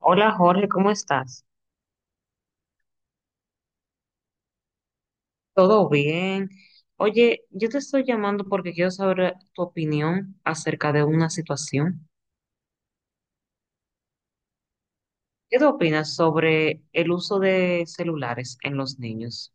Hola Jorge, ¿cómo estás? ¿Todo bien? Oye, yo te estoy llamando porque quiero saber tu opinión acerca de una situación. ¿Qué tú opinas sobre el uso de celulares en los niños?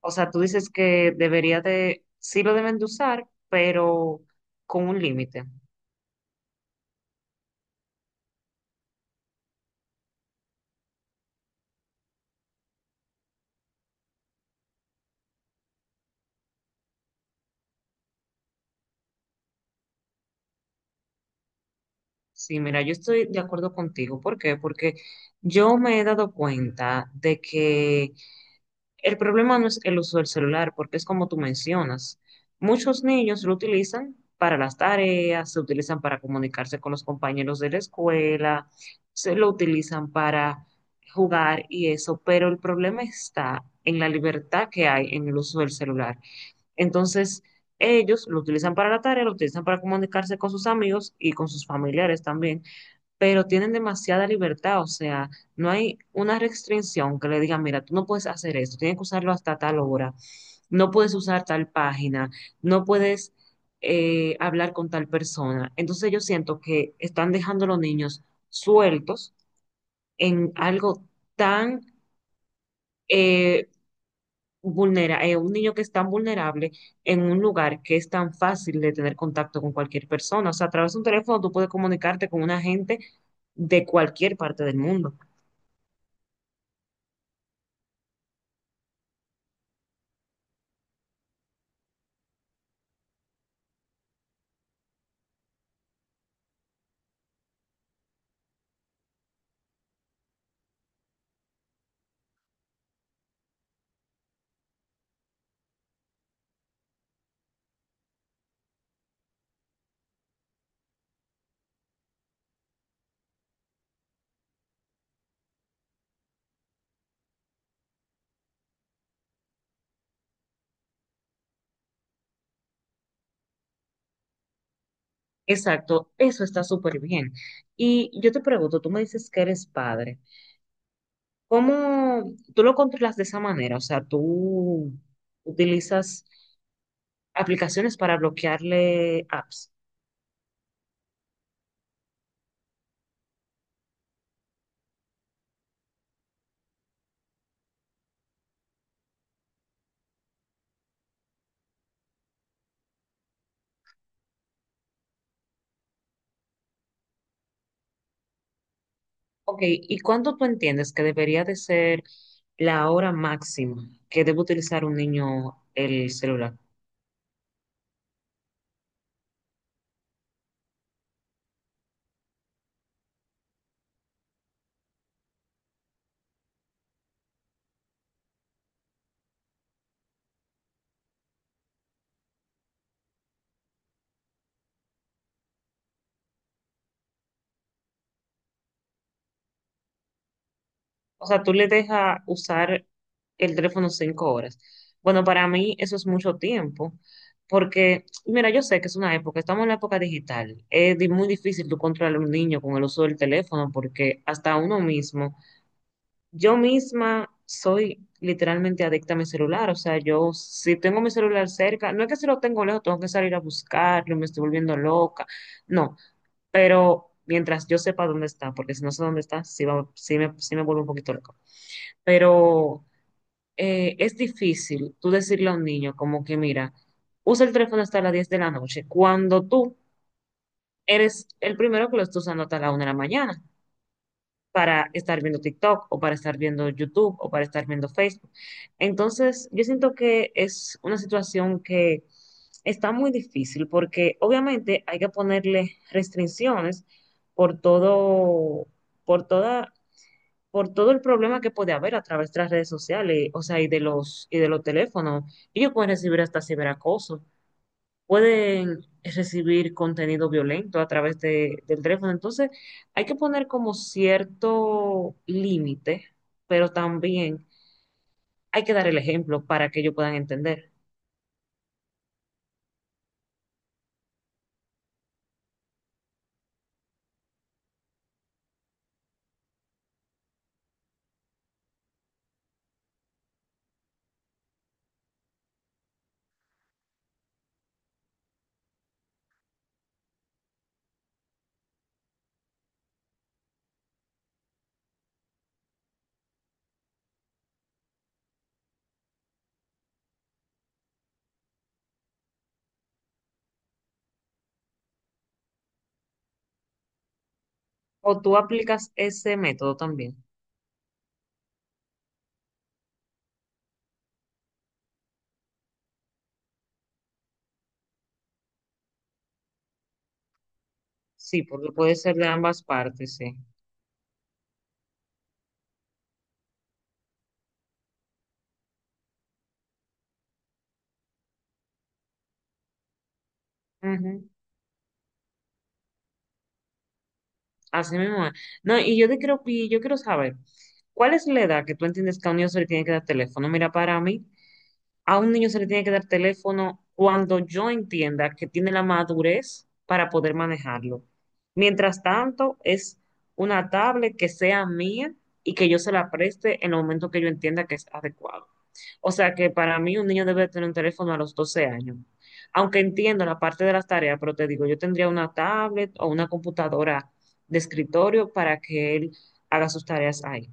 O sea, tú dices que debería de, sí lo deben de usar, pero con un límite. Sí, mira, yo estoy de acuerdo contigo. ¿Por qué? Porque yo me he dado cuenta de que el problema no es el uso del celular, porque es como tú mencionas. Muchos niños lo utilizan para las tareas, se utilizan para comunicarse con los compañeros de la escuela, se lo utilizan para jugar y eso, pero el problema está en la libertad que hay en el uso del celular. Entonces, ellos lo utilizan para la tarea, lo utilizan para comunicarse con sus amigos y con sus familiares también, pero tienen demasiada libertad, o sea, no hay una restricción que le diga, mira, tú no puedes hacer esto, tienes que usarlo hasta tal hora, no puedes usar tal página, no puedes hablar con tal persona. Entonces yo siento que están dejando a los niños sueltos en algo tan eh, un niño que es tan vulnerable en un lugar que es tan fácil de tener contacto con cualquier persona. O sea, a través de un teléfono tú puedes comunicarte con una gente de cualquier parte del mundo. Exacto, eso está súper bien. Y yo te pregunto, tú me dices que eres padre, ¿cómo tú lo controlas de esa manera? O sea, tú utilizas aplicaciones para bloquearle apps. Ok, ¿y cuánto tú entiendes que debería de ser la hora máxima que debe utilizar un niño el celular? O sea, tú le dejas usar el teléfono 5 horas. Bueno, para mí eso es mucho tiempo, porque, mira, yo sé que es una época, estamos en la época digital. Es muy difícil tú controlar a un niño con el uso del teléfono, porque hasta uno mismo, yo misma soy literalmente adicta a mi celular. O sea, yo si tengo mi celular cerca, no es que si lo tengo lejos, tengo que salir a buscarlo, me estoy volviendo loca. No, pero mientras yo sepa dónde está, porque si no sé dónde está, sí, va, sí me vuelvo un poquito loca, pero es difícil tú decirle a un niño como que, mira, usa el teléfono hasta las 10 de la noche, cuando tú eres el primero que lo está usando hasta la 1 de la mañana para estar viendo TikTok o para estar viendo YouTube o para estar viendo Facebook. Entonces, yo siento que es una situación que está muy difícil porque obviamente hay que ponerle restricciones por todo, por todos por todo el problema que puede haber a través de las redes sociales, o sea, y de los teléfonos. Ellos pueden recibir hasta ciberacoso, pueden recibir contenido violento a través del teléfono. Entonces, hay que poner como cierto límite, pero también hay que dar el ejemplo para que ellos puedan entender. O tú aplicas ese método también. Sí, porque puede ser de ambas partes, sí. Ujú. Así mismo es. No, y yo quiero saber, ¿cuál es la edad que tú entiendes que a un niño se le tiene que dar teléfono? Mira, para mí, a un niño se le tiene que dar teléfono cuando yo entienda que tiene la madurez para poder manejarlo. Mientras tanto, es una tablet que sea mía y que yo se la preste en el momento que yo entienda que es adecuado. O sea que para mí un niño debe tener un teléfono a los 12 años. Aunque entiendo la parte de las tareas, pero te digo, yo tendría una tablet o una computadora de escritorio para que él haga sus tareas ahí.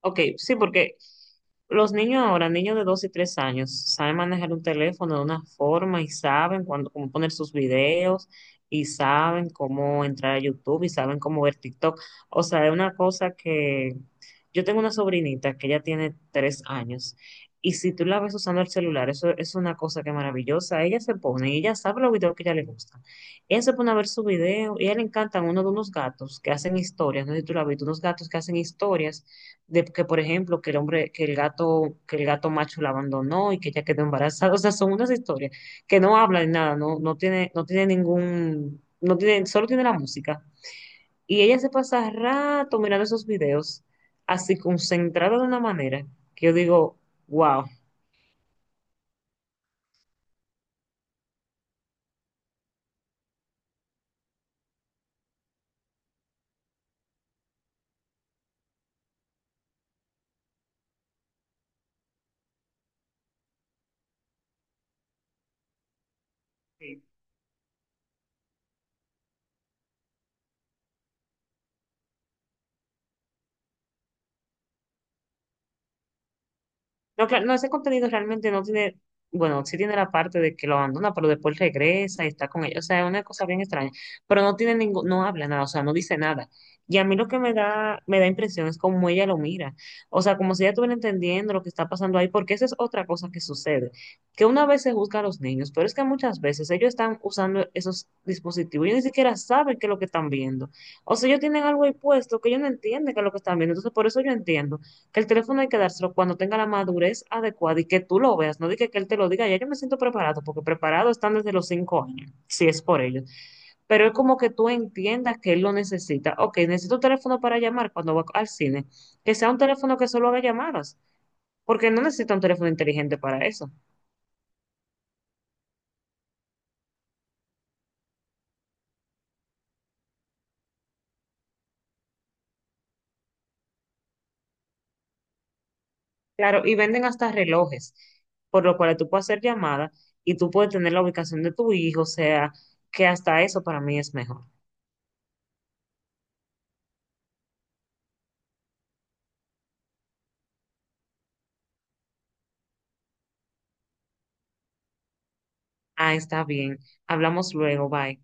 Ok, sí, porque los niños ahora, niños de 2 y 3 años, saben manejar un teléfono de una forma y saben cuándo, cómo poner sus videos y saben cómo entrar a YouTube y saben cómo ver TikTok. O sea, es una cosa que yo tengo una sobrinita que ya tiene 3 años y si tú la ves usando el celular, eso es una cosa que es maravillosa. Ella se pone, y ella sabe los videos que a ella le gustan. Ella se pone a ver su video y a ella le encantan uno de unos gatos que hacen historias, no sé si tú la has visto, unos gatos que hacen historias de que, por ejemplo, que el hombre, que el gato macho la abandonó y que ella quedó embarazada. O sea, son unas historias que no hablan nada, no, no tiene, solo tiene la música. Y ella se pasa rato mirando esos videos, así concentrada de una manera que yo digo, wow. No, claro, no, ese contenido realmente no tiene, bueno, sí tiene la parte de que lo abandona, pero después regresa y está con ellos. O sea, es una cosa bien extraña. Pero no tiene ningún, no habla nada, o sea, no dice nada. Y a mí lo que me da impresión es cómo ella lo mira. O sea, como si ella estuviera entendiendo lo que está pasando ahí, porque esa es otra cosa que sucede. Que una vez se juzga a los niños, pero es que muchas veces ellos están usando esos dispositivos. Ellos ni siquiera saben qué es lo que están viendo. O sea, ellos tienen algo ahí puesto que ellos no entienden qué es lo que están viendo. Entonces, por eso yo entiendo que el teléfono hay que dárselo cuando tenga la madurez adecuada y que tú lo veas, no diga que él te lo diga, ya yo me siento preparado, porque preparado están desde los 5 años, si es por ellos. Pero es como que tú entiendas que él lo necesita. Ok, necesito un teléfono para llamar cuando va al cine, que sea un teléfono que solo haga llamadas, porque no necesita un teléfono inteligente para eso. Claro, y venden hasta relojes, por lo cual tú puedes hacer llamadas y tú puedes tener la ubicación de tu hijo, o sea, que hasta eso para mí es mejor. Ah, está bien. Hablamos luego, bye.